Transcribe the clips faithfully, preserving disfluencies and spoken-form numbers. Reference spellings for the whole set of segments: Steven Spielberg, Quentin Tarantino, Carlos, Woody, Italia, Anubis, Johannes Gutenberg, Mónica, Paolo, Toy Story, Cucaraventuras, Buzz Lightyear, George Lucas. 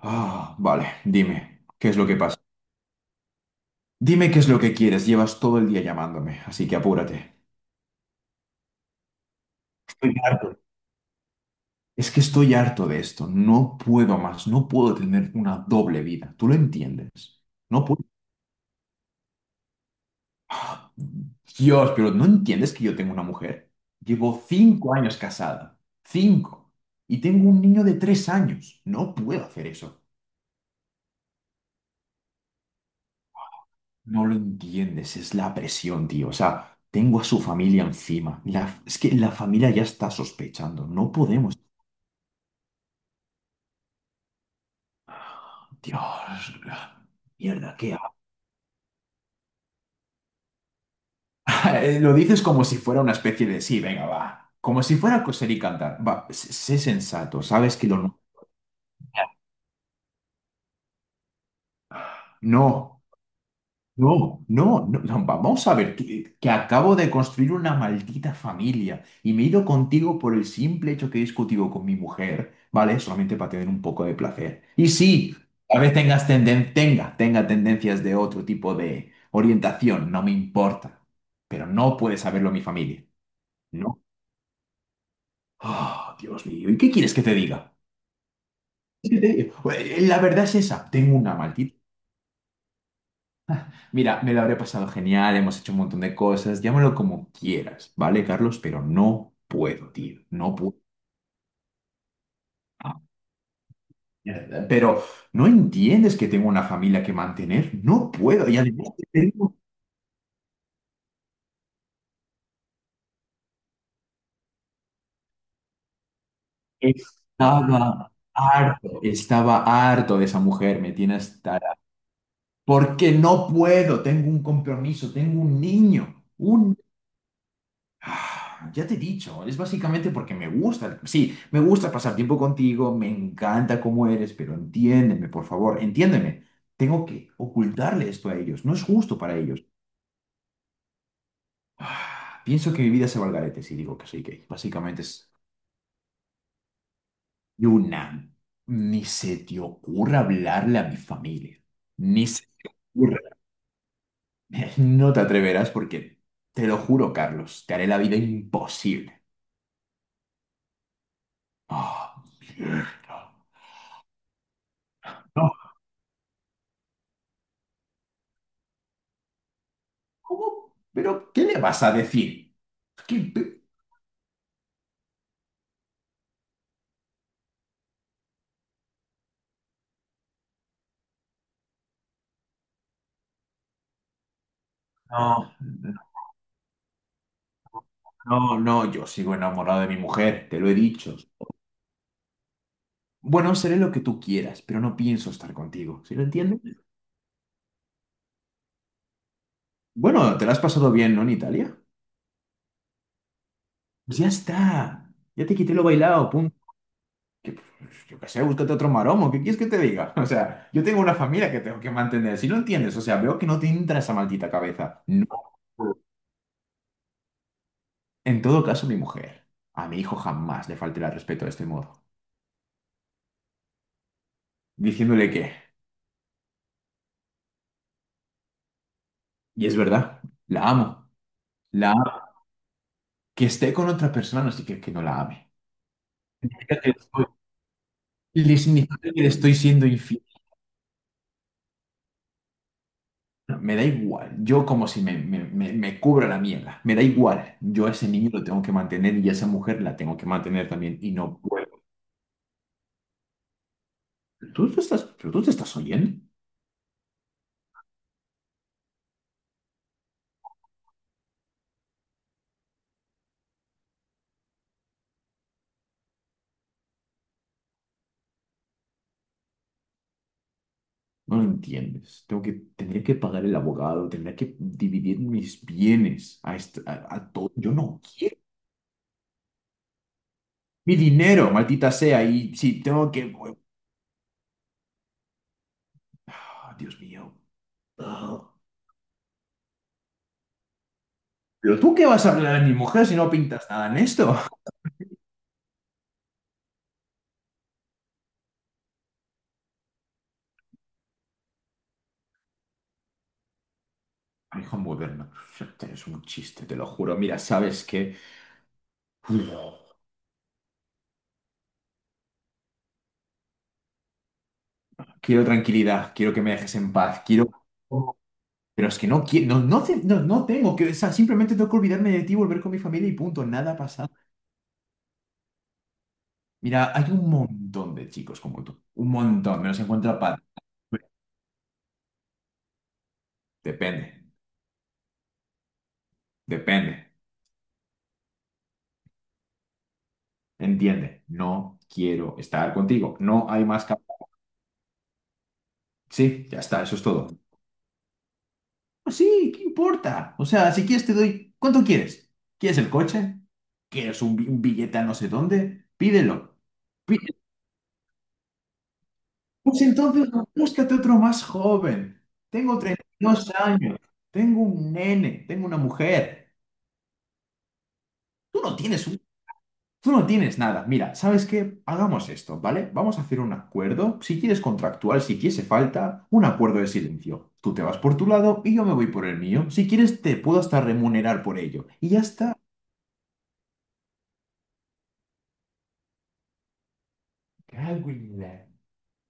Ah, vale, dime, ¿qué es lo que pasa? Dime qué es lo que quieres, llevas todo el día llamándome, así que apúrate. Estoy harto. Es que estoy harto de esto, no puedo más, no puedo tener una doble vida, ¿tú lo entiendes? No puedo. Ah, Dios, pero ¿no entiendes que yo tengo una mujer? Llevo cinco años casada, cinco, y tengo un niño de tres años, no puedo hacer eso. No lo entiendes, es la presión, tío. O sea, tengo a su familia encima. La- es que la familia ya está sospechando. No podemos. Dios, mierda, ¿qué hago? Eh, Lo dices como si fuera una especie de sí, venga, va. Como si fuera coser y cantar. Va, sé sé sensato, sabes que lo no. No. No, no, no, no, vamos a ver, que, que acabo de construir una maldita familia y me he ido contigo por el simple hecho que he discutido con mi mujer, ¿vale? Solamente para tener un poco de placer. Y sí, a vez tengas tenden- tenga, tenga tendencias de otro tipo de orientación, no me importa, pero no puede saberlo mi familia, ¿no? Ah, Dios mío, ¿y qué quieres que te diga? ¿Qué te digo? Eh, La verdad es esa, tengo una maldita. Mira, me lo habré pasado genial, hemos hecho un montón de cosas, llámalo como quieras, ¿vale, Carlos? Pero no puedo, tío, no puedo. Ah, mierda. Pero no entiendes que tengo una familia que mantener, no puedo. Y además te digo, estaba harto, estaba harto de esa mujer, me tiene hasta... la- Porque no puedo, tengo un compromiso, tengo un niño, un. Ah, ya te he dicho, es básicamente porque me gusta, sí, me gusta pasar tiempo contigo, me encanta cómo eres, pero entiéndeme, por favor, entiéndeme. Tengo que ocultarle esto a ellos, no es justo para ellos. Ah, pienso que mi vida se va al garete si digo que soy gay. Básicamente es una. Ni se te ocurra hablarle a mi familia, ni se te ocurra. No te atreverás, porque, te lo juro, Carlos, te haré la vida imposible. Ah, mierda. No, ¿cómo? ¿Pero qué le vas a decir? ¿Qué? pe- No, no, no, yo sigo enamorado de mi mujer, te lo he dicho. Bueno, seré lo que tú quieras, pero no pienso estar contigo, ¿sí lo entiendes? Bueno, te lo has pasado bien, ¿no, en Italia? Pues ya está, ya te quité lo bailado, punto. Que, pues, yo qué sé, búscate otro maromo, ¿qué quieres que te diga? O sea, yo tengo una familia que tengo que mantener, si lo entiendes, o sea, veo que no te entra esa maldita cabeza. No. En todo caso, mi mujer, a mi hijo jamás le faltará el respeto de este modo, diciéndole que... Y es verdad, la amo. La amo. Que esté con otra persona no significa que no la ame. Significa que estoy- Le significa que le estoy siendo infiel. No, me da igual. Yo como si me, me, me, me cubra la mierda. Me da igual. Yo a ese niño lo tengo que mantener y a esa mujer la tengo que mantener también. Y no puedo. ¿Tú te estás, pero tú te estás oyendo? No lo entiendes. Tengo que, tendría que pagar el abogado, tendría que dividir mis bienes a, est- a, a todo. Yo no quiero mi dinero, maldita sea. Y si tengo que... Ah, Dios mío. Ah, pero tú qué vas a hablar de mi mujer si no pintas nada en esto. Hijo moderno, es un chiste, te lo juro. Mira, ¿sabes qué? Uf, quiero tranquilidad, quiero que me dejes en paz, quiero... Pero es que no quiero, no, no, te- no, no tengo que, o sea, simplemente tengo que olvidarme de ti, volver con mi familia y punto, nada ha pasado. Mira, hay un montón de chicos como tú, un montón, me los encuentro aparte. Depende, depende, entiende, no quiero estar contigo, no hay más... capa- Sí, ya está, eso es todo. Pues sí, ¿qué importa? O sea, si quieres te doy... ¿Cuánto quieres? ¿Quieres el coche? ¿Quieres un, bi- un billete a no sé dónde? Pídelo. Pi- Pues entonces búscate otro más joven. Tengo treinta y dos años. Tengo un nene. Tengo una mujer. Tú no tienes un- Tú no tienes nada. Mira, ¿sabes qué? Hagamos esto, ¿vale? Vamos a hacer un acuerdo. Si quieres contractual, si quieres falta, un acuerdo de silencio. Tú te vas por tu lado y yo me voy por el mío. Si quieres, te puedo hasta remunerar por ello. Y ya está. Cago en la-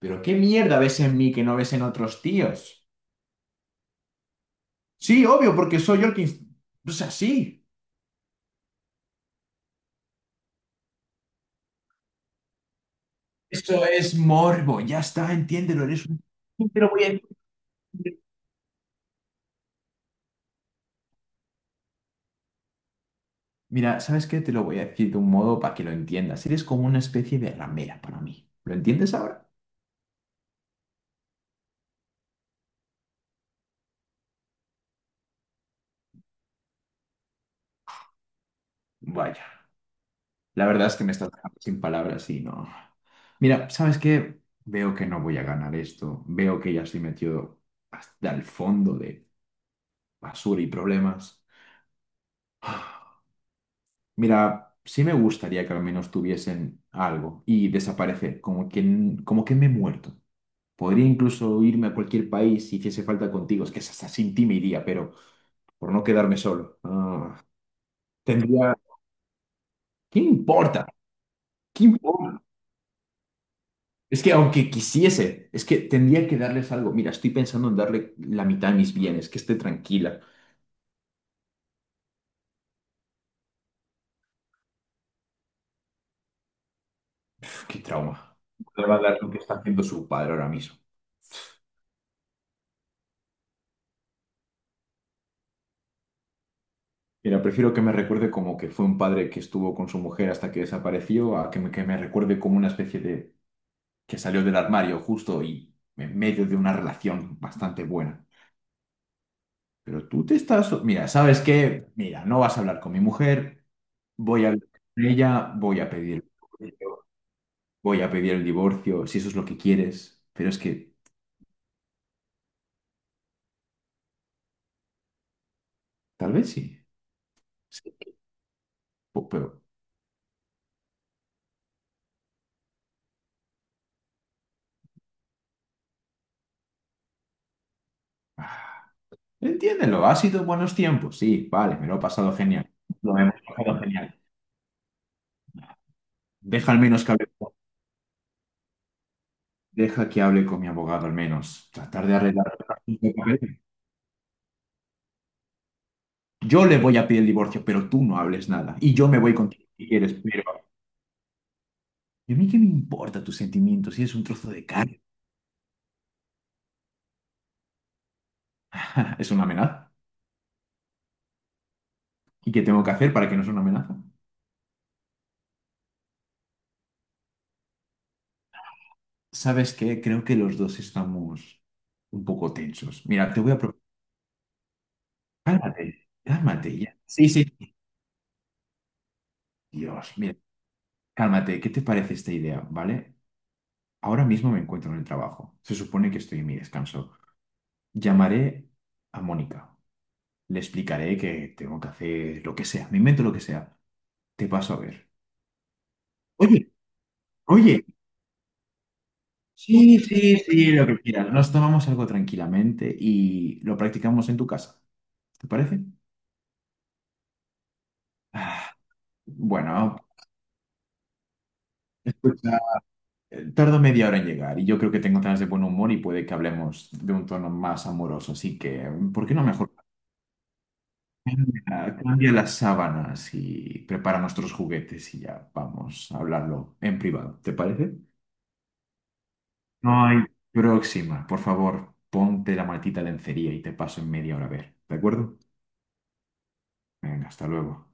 pero qué mierda ves en mí que no ves en otros tíos. Sí, obvio, porque soy yo el que... ins- O sea, sí. Eso es morbo, ya está, entiéndelo, eres un... Te lo voy a decir. Mira, ¿sabes qué? Te lo voy a decir de un modo para que lo entiendas. Eres como una especie de ramera para mí. ¿Lo entiendes ahora? Vaya, la verdad es que me estás dejando sin palabras y no. Mira, ¿sabes qué? Veo que no voy a ganar esto. Veo que ya estoy metido hasta el fondo de basura y problemas. Mira, sí me gustaría que al menos tuviesen algo y desaparecer, como que, n- como que me he muerto. Podría incluso irme a cualquier país si hiciese falta contigo, es que hasta sin ti me iría, pero por no quedarme solo. Ah, tendría... ¿Qué importa? ¿Qué importa? Es que aunque quisiese, es que tendría que darles algo. Mira, estoy pensando en darle la mitad de mis bienes, que esté tranquila. Uf, qué trauma. No le va a dar lo que está haciendo su padre ahora mismo. Mira, prefiero que me recuerde como que fue un padre que estuvo con su mujer hasta que desapareció, a que me, que me recuerde como una especie de que salió del armario justo y en medio de una relación bastante buena. Pero tú te estás... Mira, ¿sabes qué? Mira, no vas a hablar con mi mujer, voy a hablar con ella, voy a pedir, el divorcio, voy a pedir el divorcio, si eso es lo que quieres. Pero es que tal vez sí. Sí, po- pero... Ah, entiéndelo, ha sido buenos tiempos, sí, vale, me lo he pasado genial. Lo hemos pasado genial. Deja al menos que hable, deja que hable con mi abogado al menos. Tratar de arreglar los asuntos de papel. Yo le voy a pedir el divorcio, pero tú no hables nada. Y yo me voy contigo si quieres, pero... ¿Y a mí qué me importa tus sentimientos si es un trozo de carne? ¿Es una amenaza? ¿Y qué tengo que hacer para que no sea una amenaza? ¿Sabes qué? Creo que los dos estamos un poco tensos. Mira, te voy a proponer... Cálmate, cálmate ya. Sí, sí. Dios, mira, cálmate. ¿Qué te parece esta idea, vale? Ahora mismo me encuentro en el trabajo. Se supone que estoy en mi descanso. Llamaré a Mónica. Le explicaré que tengo que hacer lo que sea. Me invento lo que sea. Te paso a ver. Oye, oye. Sí, sí, sí, lo que quieras. Nos tomamos algo tranquilamente y lo practicamos en tu casa. ¿Te parece? Ah, bueno, escucha, eh, tardo media hora en llegar y yo creo que tengo ganas de buen humor y puede que hablemos de un tono más amoroso. Así que, ¿por qué no mejor? Cambia, cambia las sábanas y prepara nuestros juguetes y ya vamos a hablarlo en privado. ¿Te parece? No hay próxima. Por favor, ponte la maldita lencería y te paso en media hora a ver. ¿De acuerdo? Venga, hasta luego.